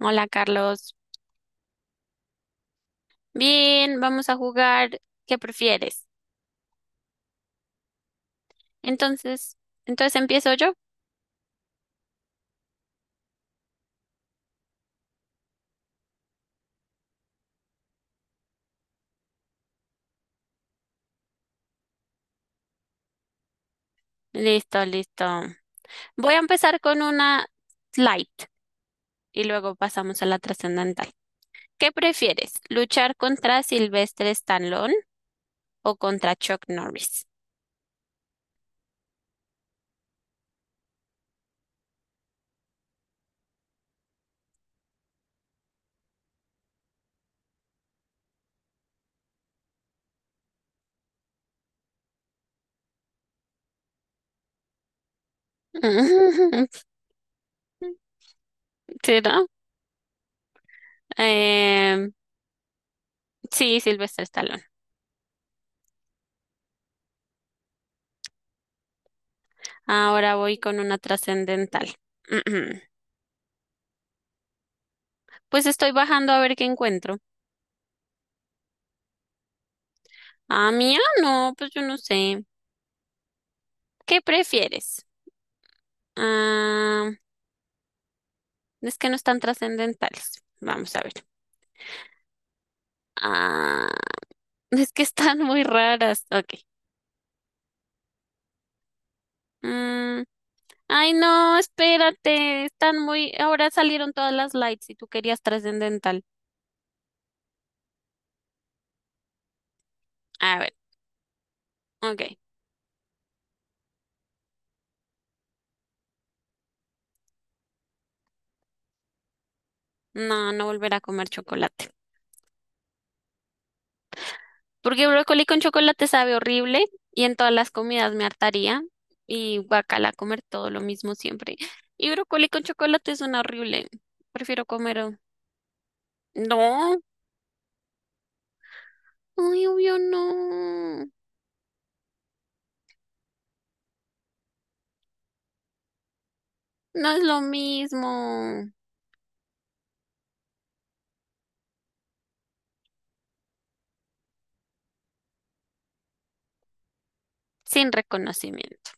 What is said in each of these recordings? Hola Carlos. Bien, vamos a jugar. ¿Qué prefieres? Entonces, entonces empiezo yo. Listo, listo. Voy a empezar con una light y luego pasamos a la trascendental. ¿Qué prefieres? ¿Luchar contra Sylvester Stallone o contra Chuck Norris? Sí, ¿no? Em, sí, Sylvester Stallone. Ahora voy con una trascendental. Pues estoy bajando a ver qué encuentro. Ah, mía, no, pues yo no sé. ¿Qué prefieres? Ah, es que no están trascendentales. Vamos a ver. Ah, es que están muy raras. Ok. Mm, ay, no, espérate. Están muy. Ahora salieron todas las lights y tú querías trascendental. A ver, ok. No, no volver a comer chocolate. Porque brócoli con chocolate sabe horrible y en todas las comidas me hartaría. Y guacala, comer todo lo mismo siempre. Y brócoli con chocolate suena horrible. Prefiero comer. Oh, no. Ay, obvio no. No es lo mismo sin reconocimiento.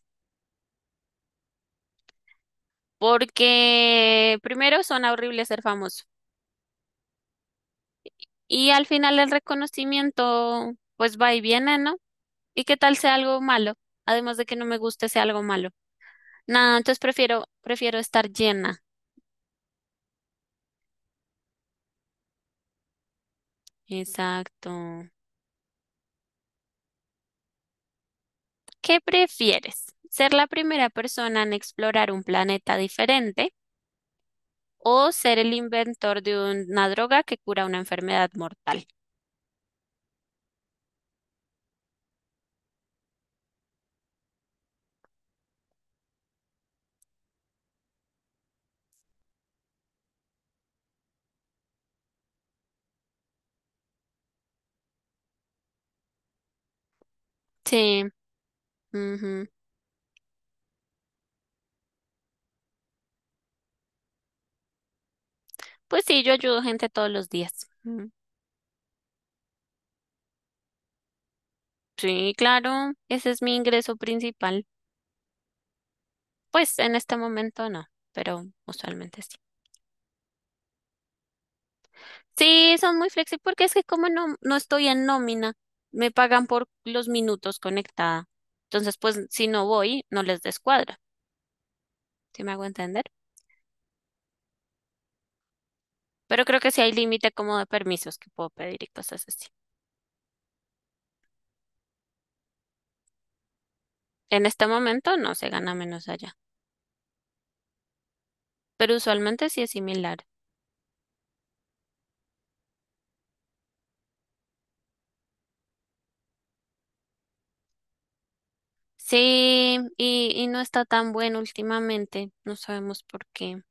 Porque primero suena horrible ser famoso. Y al final el reconocimiento, pues va y viene, ¿no? ¿Y qué tal sea algo malo? Además de que no me guste sea algo malo. Nada, entonces prefiero estar llena. Exacto. ¿Qué prefieres? ¿Ser la primera persona en explorar un planeta diferente o ser el inventor de una droga que cura una enfermedad mortal? Sí. Ujú. Pues sí, yo ayudo gente todos los días. Mm. Sí, claro, ese es mi ingreso principal. Pues en este momento no, pero usualmente sí. Sí, son muy flexibles porque es que como no estoy en nómina, me pagan por los minutos conectada. Entonces, pues si no voy, no les descuadra, ¿sí me hago entender? Pero creo que sí hay límite como de permisos que puedo pedir y cosas así. En este momento no se gana menos allá, pero usualmente sí es similar. Sí, y no está tan bueno últimamente, no sabemos por qué.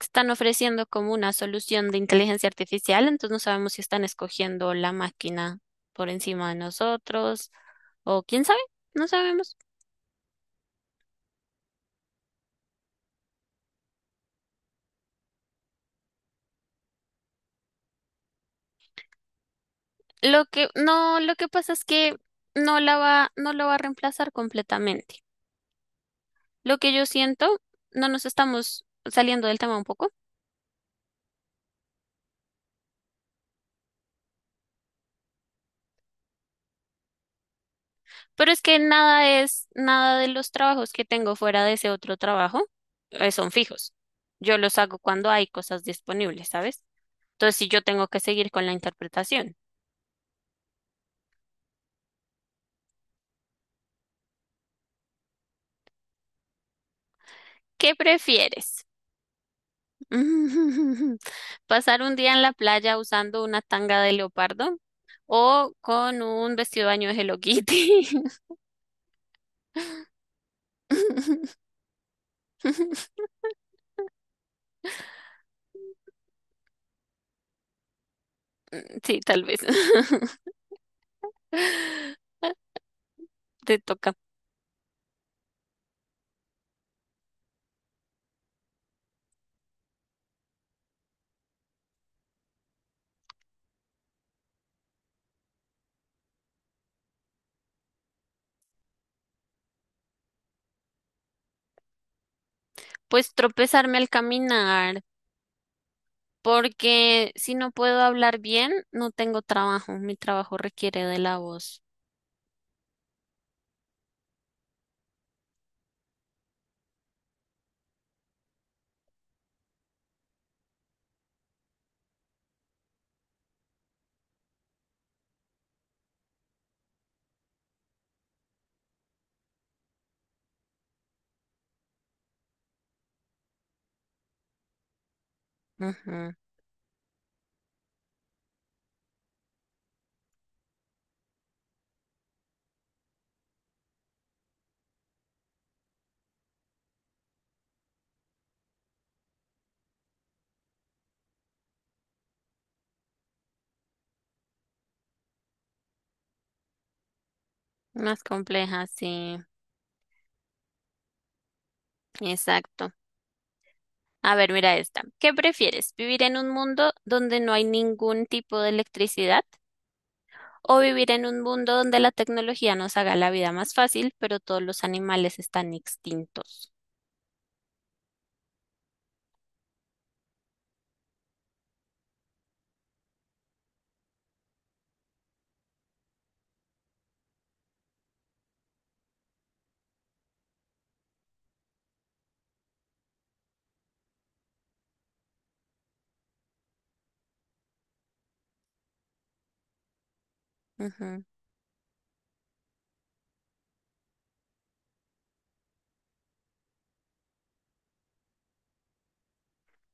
Están ofreciendo como una solución de inteligencia artificial, entonces no sabemos si están escogiendo la máquina por encima de nosotros o quién sabe, no sabemos. Lo que pasa es que no lo va a reemplazar completamente. Lo que yo siento, no nos estamos saliendo del tema un poco. Pero es que nada de los trabajos que tengo fuera de ese otro trabajo son fijos. Yo los hago cuando hay cosas disponibles, ¿sabes? Entonces, si yo tengo que seguir con la interpretación, ¿qué prefieres? ¿Pasar un día en la playa usando una tanga de leopardo o con un vestido de baño de Hello Kitty? Sí, tal vez. Te toca. Pues tropezarme al caminar, porque si no puedo hablar bien, no tengo trabajo. Mi trabajo requiere de la voz. Ujú. Más compleja, sí. Exacto. A ver, mira esta. ¿Qué prefieres? ¿Vivir en un mundo donde no hay ningún tipo de electricidad? ¿O vivir en un mundo donde la tecnología nos haga la vida más fácil, pero todos los animales están extintos? Ujú.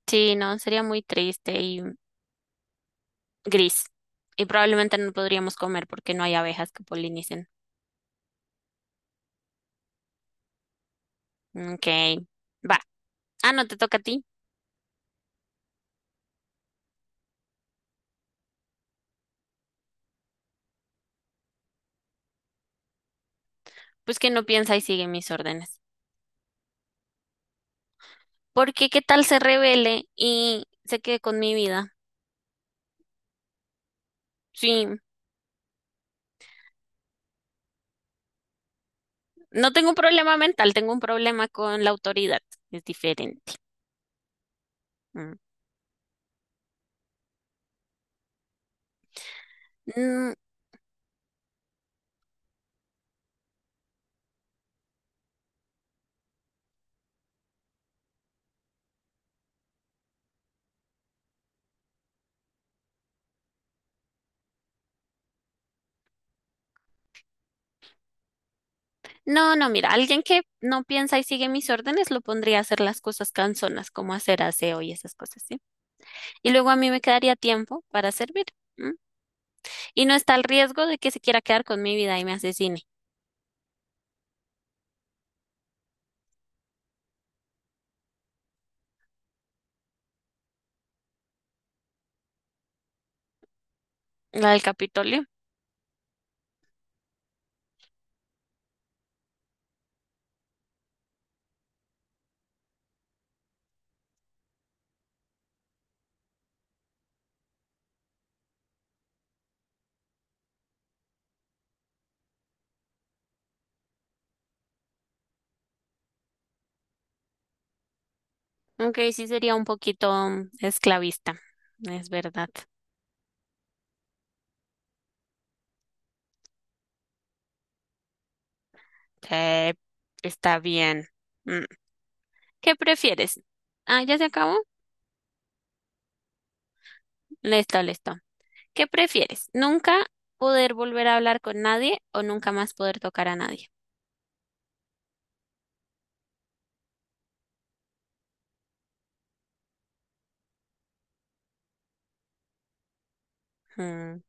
Sí, no, sería muy triste y gris. Y probablemente no podríamos comer porque no hay abejas que polinicen. Ok, va. Ah, no, te toca a ti. Pues que no piensa y sigue mis órdenes. Porque qué tal se revele y se quede con mi vida. Sí, no tengo un problema mental, tengo un problema con la autoridad. Es diferente. Mm. Mm. No, mira, alguien que no piensa y sigue mis órdenes lo pondría a hacer las cosas cansonas, como hacer aseo y esas cosas, ¿sí? Y luego a mí me quedaría tiempo para servir. ¿M? Y no está el riesgo de que se quiera quedar con mi vida y me asesine. La del Capitolio. Aunque sí sería un poquito esclavista, es verdad. Sí, está bien. Mm. ¿Qué prefieres? Ah, ¿ya se acabó? Listo, listo. ¿Qué prefieres? ¿Nunca poder volver a hablar con nadie o nunca más poder tocar a nadie? Mm.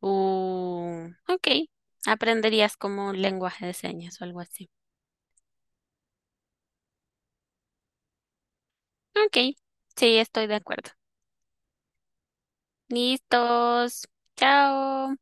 Ok. Aprenderías como lenguaje de señas o algo así. Ok. Sí, estoy de acuerdo. Listos. Chao.